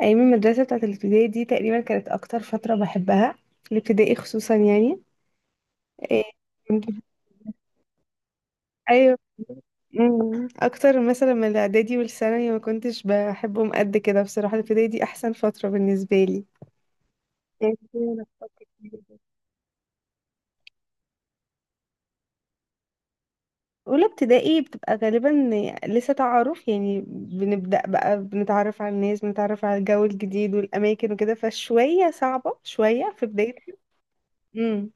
ايام المدرسه بتاعت الابتدائي دي تقريبا كانت اكتر فتره بحبها. الابتدائي خصوصا يعني، إيه، كنت- ايوه. مم. اكتر مثلا من الاعدادي والثانوي ما كنتش بحبهم قد كده، بصراحه الابتدائي دي احسن فتره بالنسبه لي. يعني أنا بفكر فيها دلوقتي. اولى ابتدائي بتبقى غالبا لسه تعارف، يعني بنبدا بقى بنتعرف على الناس، بنتعرف على الجو الجديد والاماكن وكده، فشويه صعبه شويه في بدايه. امم.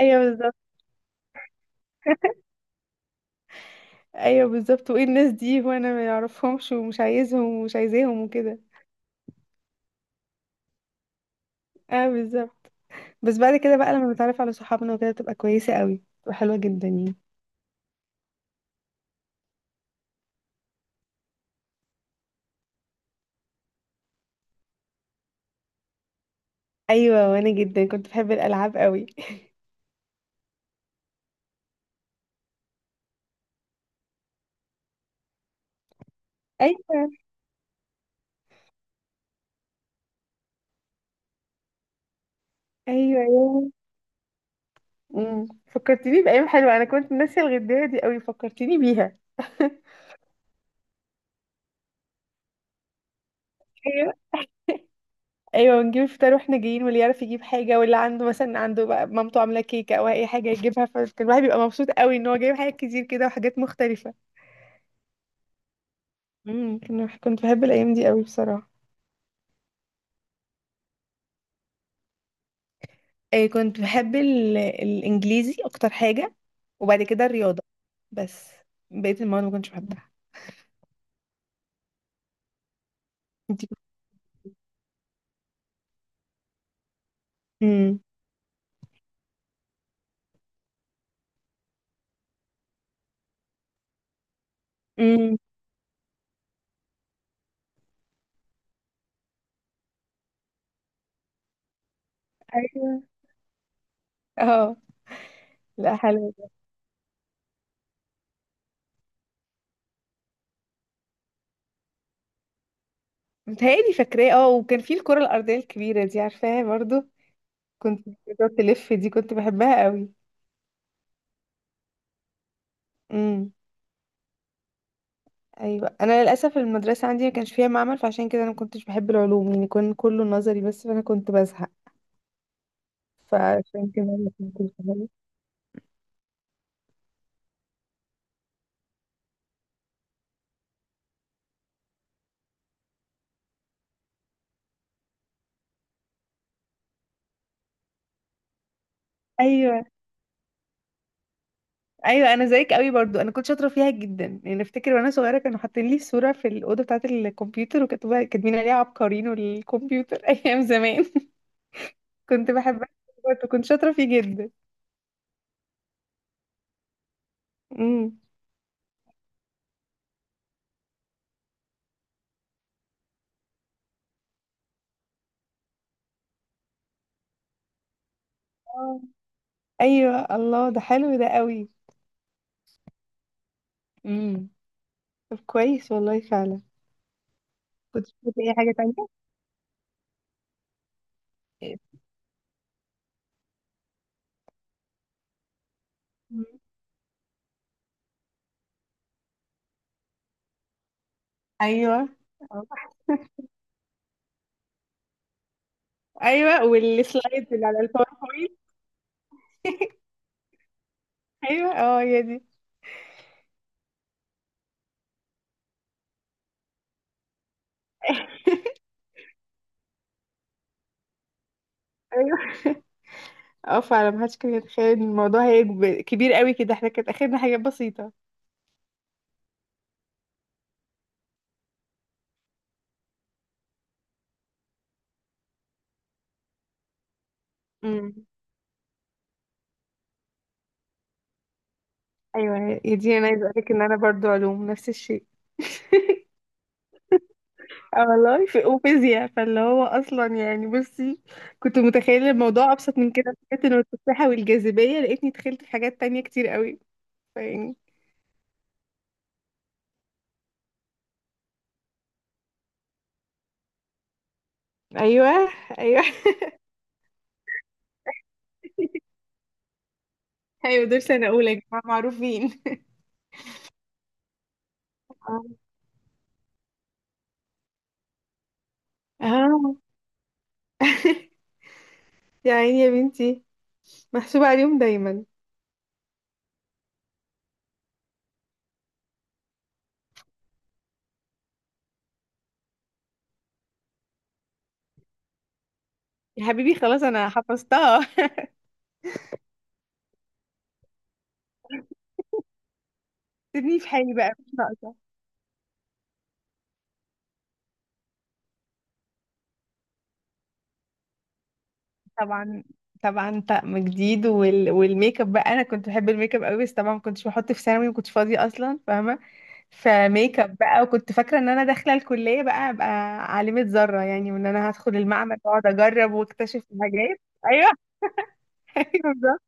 ايوه بالظبط. ايوه بالظبط، وايه الناس دي وانا ما يعرفهمش، ومش عايزهم ومش عايزاهم وكده. اه بالظبط. بس بعد كده بقى، لما بتعرف على صحابنا وكده، تبقى كويسه قوي وحلوه جدا يعني. ايوه، وانا جدا كنت بحب الالعاب قوي. ايوه. ايوه. امم، فكرتيني بايام حلوه. انا كنت ناسيه الغدايه دي قوي، فكرتيني بيها. ايوه. ايوه، ونجيب الفطار واحنا جايين، واللي يعرف يجيب حاجه، واللي عنده مثلا عنده بقى مامته عامله كيكه او اي حاجه يجيبها، فكان الواحد بيبقى مبسوط قوي ان هو جايب حاجات كتير كده وحاجات مختلفه. امم. كنت بحب الايام دي قوي بصراحه. آه، كنت بحب الانجليزي اكتر حاجة. وبعد كده الرياضة. بس بقية المواد ما كنتش بحبها. انتي كنت. امم. امم. ايوه. اه. لا، حلوه. متهيألي فاكراه، اه. وكان في الكرة الأرضية الكبيرة دي، عارفاها برضو؟ كنت بتقعد تلف دي، كنت بحبها قوي. امم. ايوه، انا للاسف المدرسه عندي ما كانش فيها معمل، فعشان كده انا ما كنتش بحب العلوم. يعني كان كله نظري بس، فانا كنت بزهق. فعشان كده ما كنتش بحبها. ايوه ايوه، انا زيك قوي برضو، انا كنت شاطره فيها جدا. يعني افتكر وانا صغيره كانوا حاطين لي صوره في الاوضه بتاعه الكمبيوتر، وكاتبه كاتبين عليها عبقرين والكمبيوتر. ايام زمان. كنت بحبها. برضو كنت شاطره فيه جدا. امم. آه. ايوه، الله ده حلو ده قوي. امم. طب كويس والله فعلا. كنت شاطره في اي حاجه تانية. مم. ايوه. آه. ايوه، والسلايد اللي على الباوربوينت. ايوه، اه هي دي. ايوه، اه فعلا محدش كان يتخيل ان الموضوع هيكبر كبير قوي كده، احنا كانت اخرنا حاجات بسيطة. امم. ايوه، يا دي انا عايزه اقولك ان انا برضو علوم نفس الشيء. اه والله، في وفيزياء. فاللي هو اصلا يعني بصي، كنت متخيله الموضوع ابسط من كده، في حته إنه التفاحه والجاذبيه، لقيتني دخلت في حاجات تانية كتير قوي. فيعني. ايوه. ايوه. ايوه، دول سنه اولى يا جماعه، معروفين. اه. آه. يا عيني يا بنتي. محسوبه عليهم دايما. يا حبيبي خلاص، انا حفظتها. سيبني في حالي بقى، مش ناقصه. طبعا. طبعا طقم جديد، والميك اب بقى. انا كنت بحب الميك اب قوي، بس طبعا ما كنتش بحط في ثانوي، ما كنتش فاضيه اصلا، فاهمه. فميك اب بقى، وكنت فاكره ان انا داخله الكليه بقى ابقى عالمه ذره يعني، وان انا هدخل المعمل واقعد اجرب واكتشف حاجات. ايوه. ايوه بالظبط.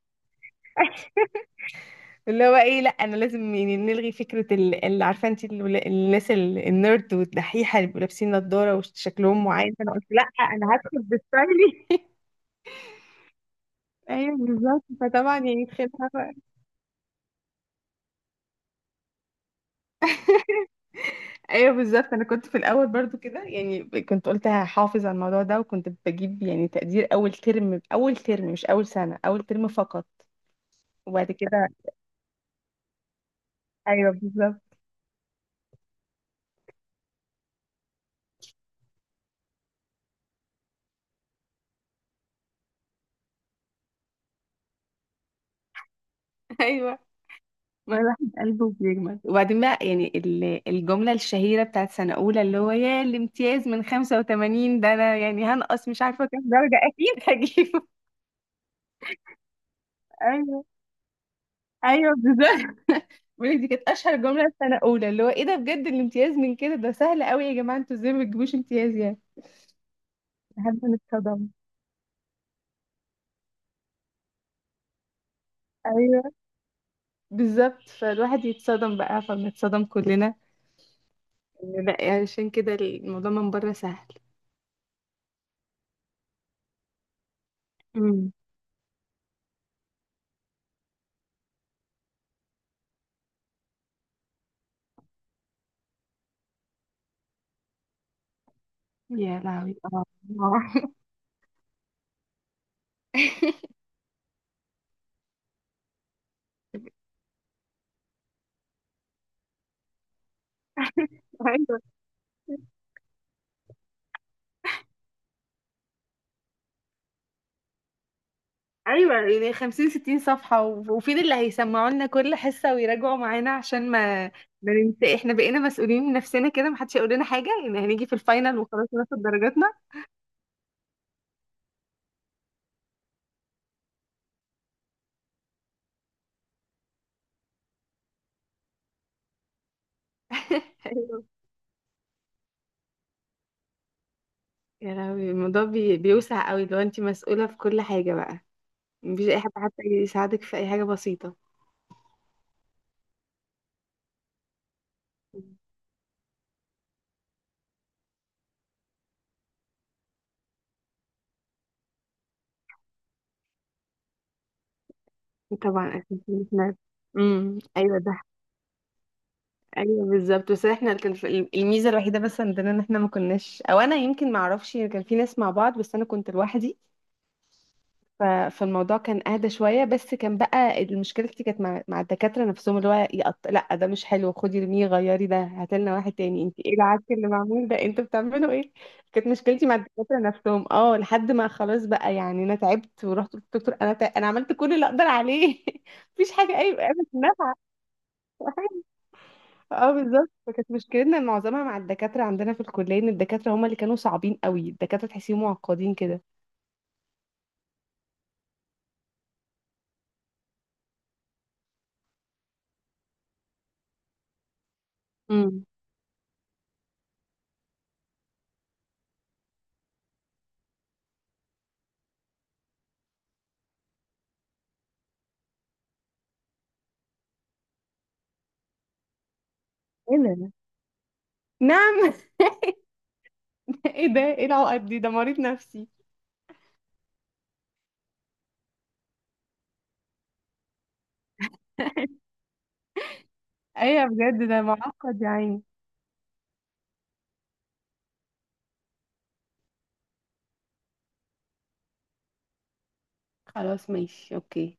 اللي هو ايه، لا انا لازم يعني نلغي فكره اللي عارفه انت الناس النيرد والدحيحه اللي بيبقوا لابسين نضاره وشكلهم معين. فانا قلت لا، انا هدخل بستايلي. ايوه بالظبط. فطبعا يعني تخيلها بقى. ايوه بالظبط، انا كنت في الاول برضو كده. يعني كنت قلت هحافظ على الموضوع ده، وكنت بجيب يعني تقدير. اول ترم، اول ترم مش اول سنه، اول ترم فقط. وبعد كده. ايوه بالظبط. ايوه. ما الواحد قلبه بيجمد، وبعدين بقى يعني الجمله الشهيره بتاعت سنه اولى، اللي هو يا الامتياز من 85 ده، انا يعني هنقص مش عارفه كام درجه، اكيد هجيبه. ايوه. ايوه بالظبط. بقول لك دي كانت اشهر جمله في سنه اولى، اللي هو ايه ده بجد، الامتياز من كده، ده سهل قوي يا جماعه، انتوا ازاي ما بتجيبوش امتياز يعني. لحد ما نتصدم. ايوه. بالظبط، فالواحد يتصدم بقى، فبنتصدم كلنا. إن لا يعني، عشان كده الموضوع من بره سهل. امم. يا لهوي اه. آه. ايوه. ايوه، يعني 50 60 صفحه، وفين اللي هيسمعوا لنا كل حصه ويراجعوا معانا عشان ما ننسى. احنا بقينا مسؤولين من نفسنا كده، محدش هيقول لنا حاجه، يعني هنيجي في الفاينل وخلاص ناخد درجاتنا. يا لهوي، الموضوع بيوسع قوي لو انت مسؤولة في كل حاجة بقى. مفيش اي حد حتى يساعدك في اي حاجة بسيطة. مم. طبعا اكيد. احنا. امم، ايوه ده. ايوه بالظبط، بس احنا كان الميزة الوحيدة بس عندنا، ان احنا ما كناش، او انا يمكن ما اعرفش، كان في ناس مع بعض، بس انا كنت لوحدي. ف- فالموضوع كان اهدى شويه، بس كان بقى مشكلتي كانت مع الدكاتره نفسهم. اللي هو لا ده مش حلو، خدي ارميه غيري، ده هاتلنا واحد تاني، انت ايه العك اللي معمول ده، انتوا بتعملوا ايه؟ كانت مشكلتي مع الدكاتره نفسهم، اه. لحد ما خلاص بقى، يعني انا تعبت ورحت قلت للدكتور، انا انا عملت كل اللي اقدر عليه. مفيش حاجه اي قامت نافعه. اه بالظبط، فكانت مشكلتنا معظمها مع الدكاتره عندنا في الكليه، ان الدكاتره هم اللي كانوا صعبين قوي، الدكاتره تحسيهم معقدين كده. امم. ايه ده؟ نعم. ايه ده، ايه العقد دي، ده مريض نفسي. ايوه بجد، ده معقد يا عيني. خلاص ماشي اوكي.